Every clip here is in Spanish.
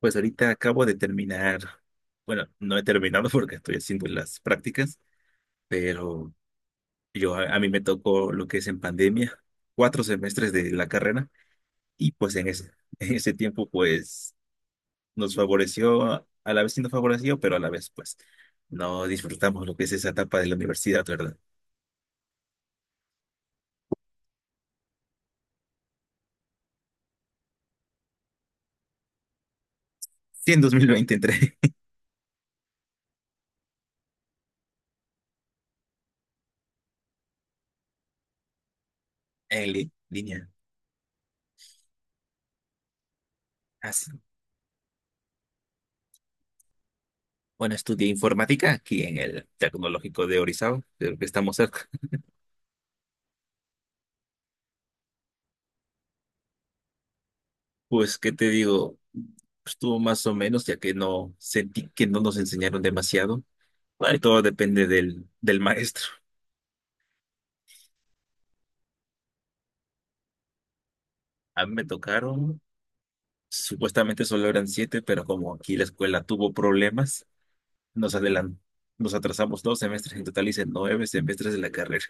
Pues ahorita acabo de terminar, bueno, no he terminado porque estoy haciendo las prácticas, pero yo a mí me tocó lo que es en pandemia, 4 semestres de la carrera y pues en ese, en ese tiempo pues nos favoreció, a la vez sí nos favoreció, pero a la vez pues no disfrutamos lo que es esa etapa de la universidad, ¿verdad? Sí, en 2020 entré en línea. Así. Bueno, estudié informática aquí en el Tecnológico de Orizaba, creo que estamos cerca. Pues, ¿qué te digo? Pues, estuvo más o menos, ya que no sentí que no nos enseñaron demasiado. Ahí todo depende del, del maestro. A mí me tocaron, supuestamente solo eran siete, pero como aquí la escuela tuvo problemas, nos adelan- nos atrasamos 2 semestres, en total hice 9 semestres de la carrera.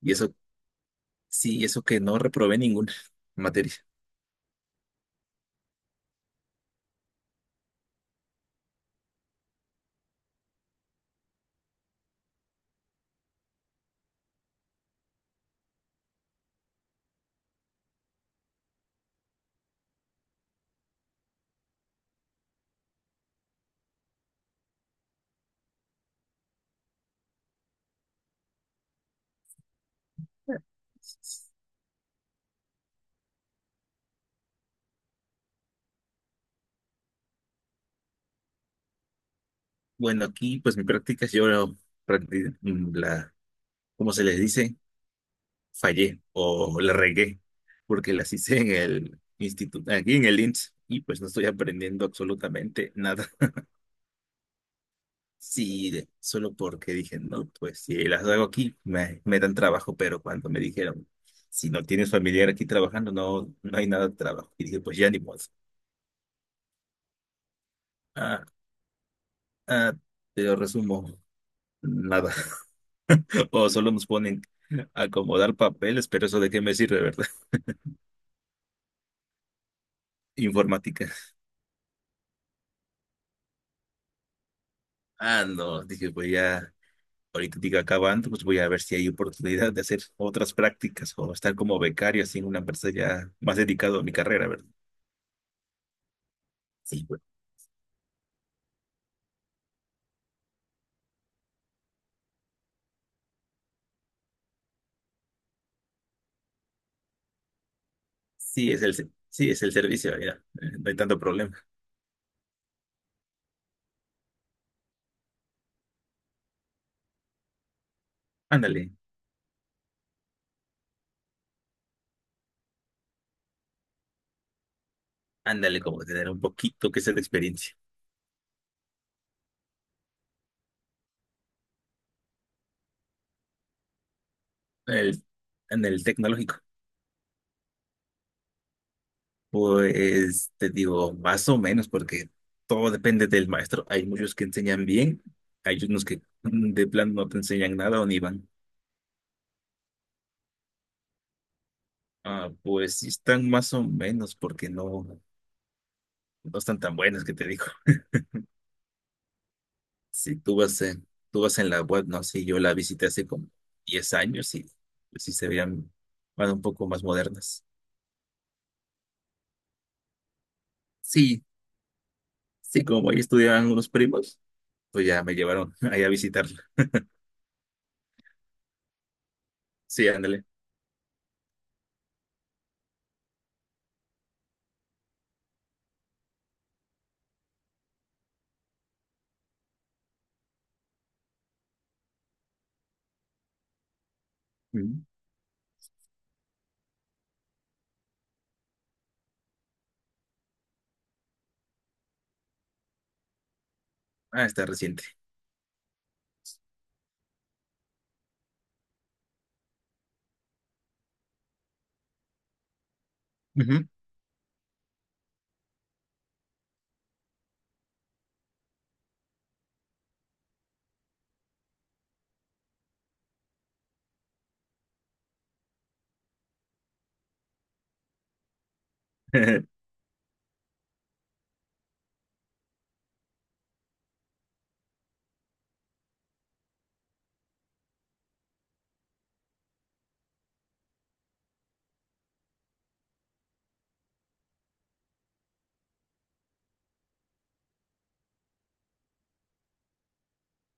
Y eso, sí, eso que no reprobé ninguna materia. Bueno, aquí pues mi práctica, yo la, ¿cómo se les dice? Fallé o la regué porque las hice en el instituto, aquí en el INSS y pues no estoy aprendiendo absolutamente nada. Sí, de- solo porque dije, no, pues si las hago aquí me, me dan trabajo, pero cuando me dijeron, si no tienes familiar aquí trabajando, no, no hay nada de trabajo. Y dije, pues ya ni modo. Ah, ah, pero resumo, nada. O solo nos ponen a acomodar papeles, pero eso de qué me sirve, ¿verdad? Informática. Ah, no, dije, pues ya. Ahorita diga acabando, pues voy a ver si hay oportunidad de hacer otras prácticas o estar como becario así en una empresa ya más dedicado a mi carrera, ¿verdad? Sí, pues, sí es el servicio, mira, no hay tanto problema. Ándale, ándale, como tener un poquito que sea de experiencia en el, en el tecnológico. Pues te digo, más o menos, porque todo depende del maestro. Hay muchos que enseñan bien, hay unos que mm, de plano no te enseñan nada o ni van. Ah, pues sí están más o menos, porque no. No están tan buenas que te digo. Si tú vas en, tú vas en la web, no sé, yo la visité hace como 10 años y pues sí se veían bueno un poco más modernas. Sí, sí, como ahí estudiaban unos primos, pues ya me llevaron ahí a visitarla. Sí, ándale. Ujú. Ah, está reciente. Ujú.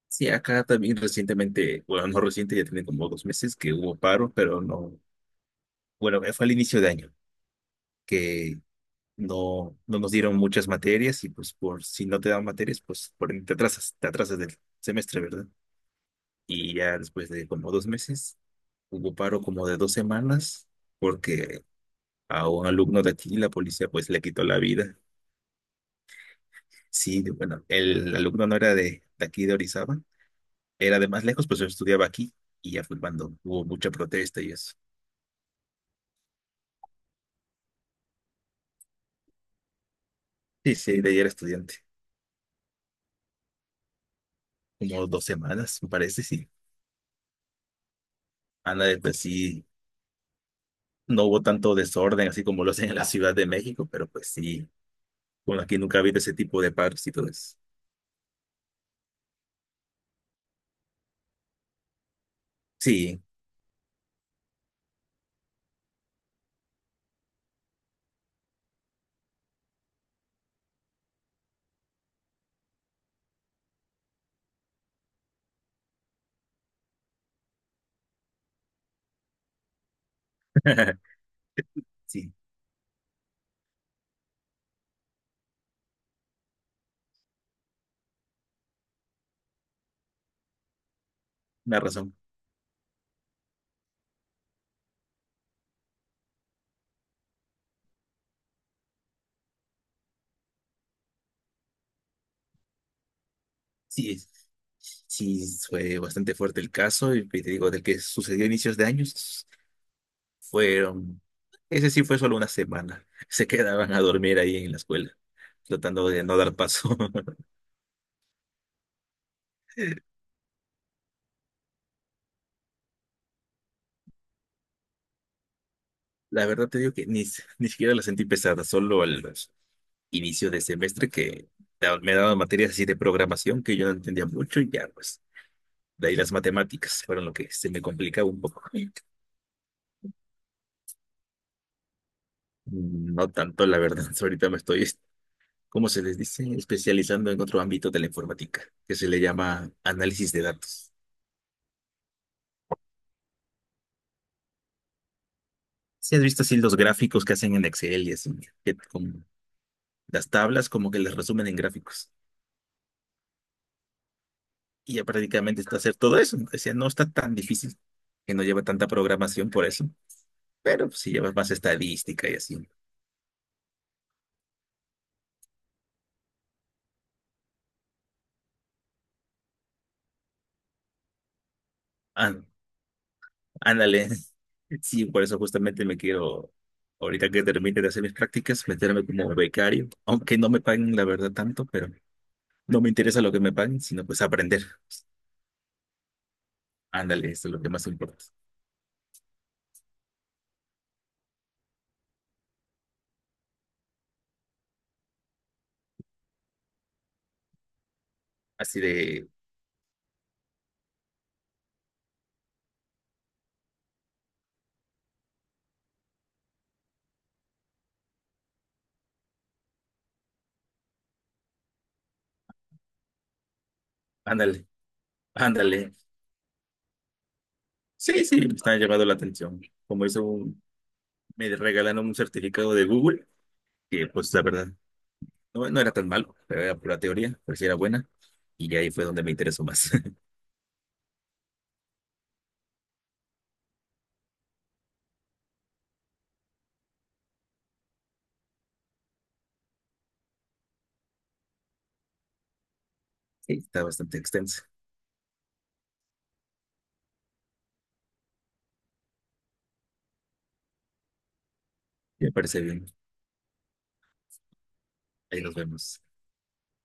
Sí, acá también recientemente, bueno, no reciente, ya tiene como 2 meses que hubo paro, pero no, bueno, fue al inicio de año, que no, no nos dieron muchas materias y pues por si no te dan materias, pues por, te atrasas del semestre, ¿verdad? Y ya después de como 2 meses, hubo paro como de 2 semanas porque a un alumno de aquí la policía pues le quitó la vida. Sí, de- bueno, el alumno no era de aquí de Orizaba, era de más lejos, pues yo estudiaba aquí y ya fue cuando hubo mucha protesta y eso. Sí, sí, de ahí era estudiante, como 2 semanas, me parece, sí. Ana, pues sí. No hubo tanto desorden así como lo hacen en la Ciudad de México, pero pues sí, bueno, aquí nunca ha habido ese tipo de paros y todo eso. Sí, sí, una razón. Sí, sí, fue bastante fuerte el caso y te digo, del que sucedió a inicios de años, fueron, ese sí fue solo una semana. Se quedaban a dormir ahí en la escuela, tratando de no dar paso. La verdad te digo que ni siquiera la sentí pesada, solo al inicio de semestre que me daban materias así de programación que yo no entendía mucho y ya pues de ahí las matemáticas fueron lo que se me complicaba un poco. Mm, no tanto, la verdad, ahorita me estoy, ¿como se les dice? Especializando en otro ámbito de la informática, que se le llama análisis de datos. Si has visto así los gráficos que hacen en Excel y así, que con las tablas como que les resumen en gráficos. Y ya prácticamente está hacer todo eso. Decía, no está tan difícil, que no lleva tanta programación por eso, pero pues, sí lleva más estadística y así. Ah, ándale. Sí, por eso justamente me quiero, ahorita que termine de hacer mis prácticas, meterme como becario, aunque no me paguen la verdad tanto, pero no me interesa lo que me paguen, sino pues aprender. Ándale, eso es lo que más importa. Así de, ándale, ándale. Sí, sí, me está llamando la atención. Como hizo un, me regalaron un certificado de Google, que pues la verdad no, no era tan malo, pero era pura teoría, pero sí era buena. Y ahí fue donde me interesó más. Sí, está bastante extenso. Me parece bien. Ahí nos vemos.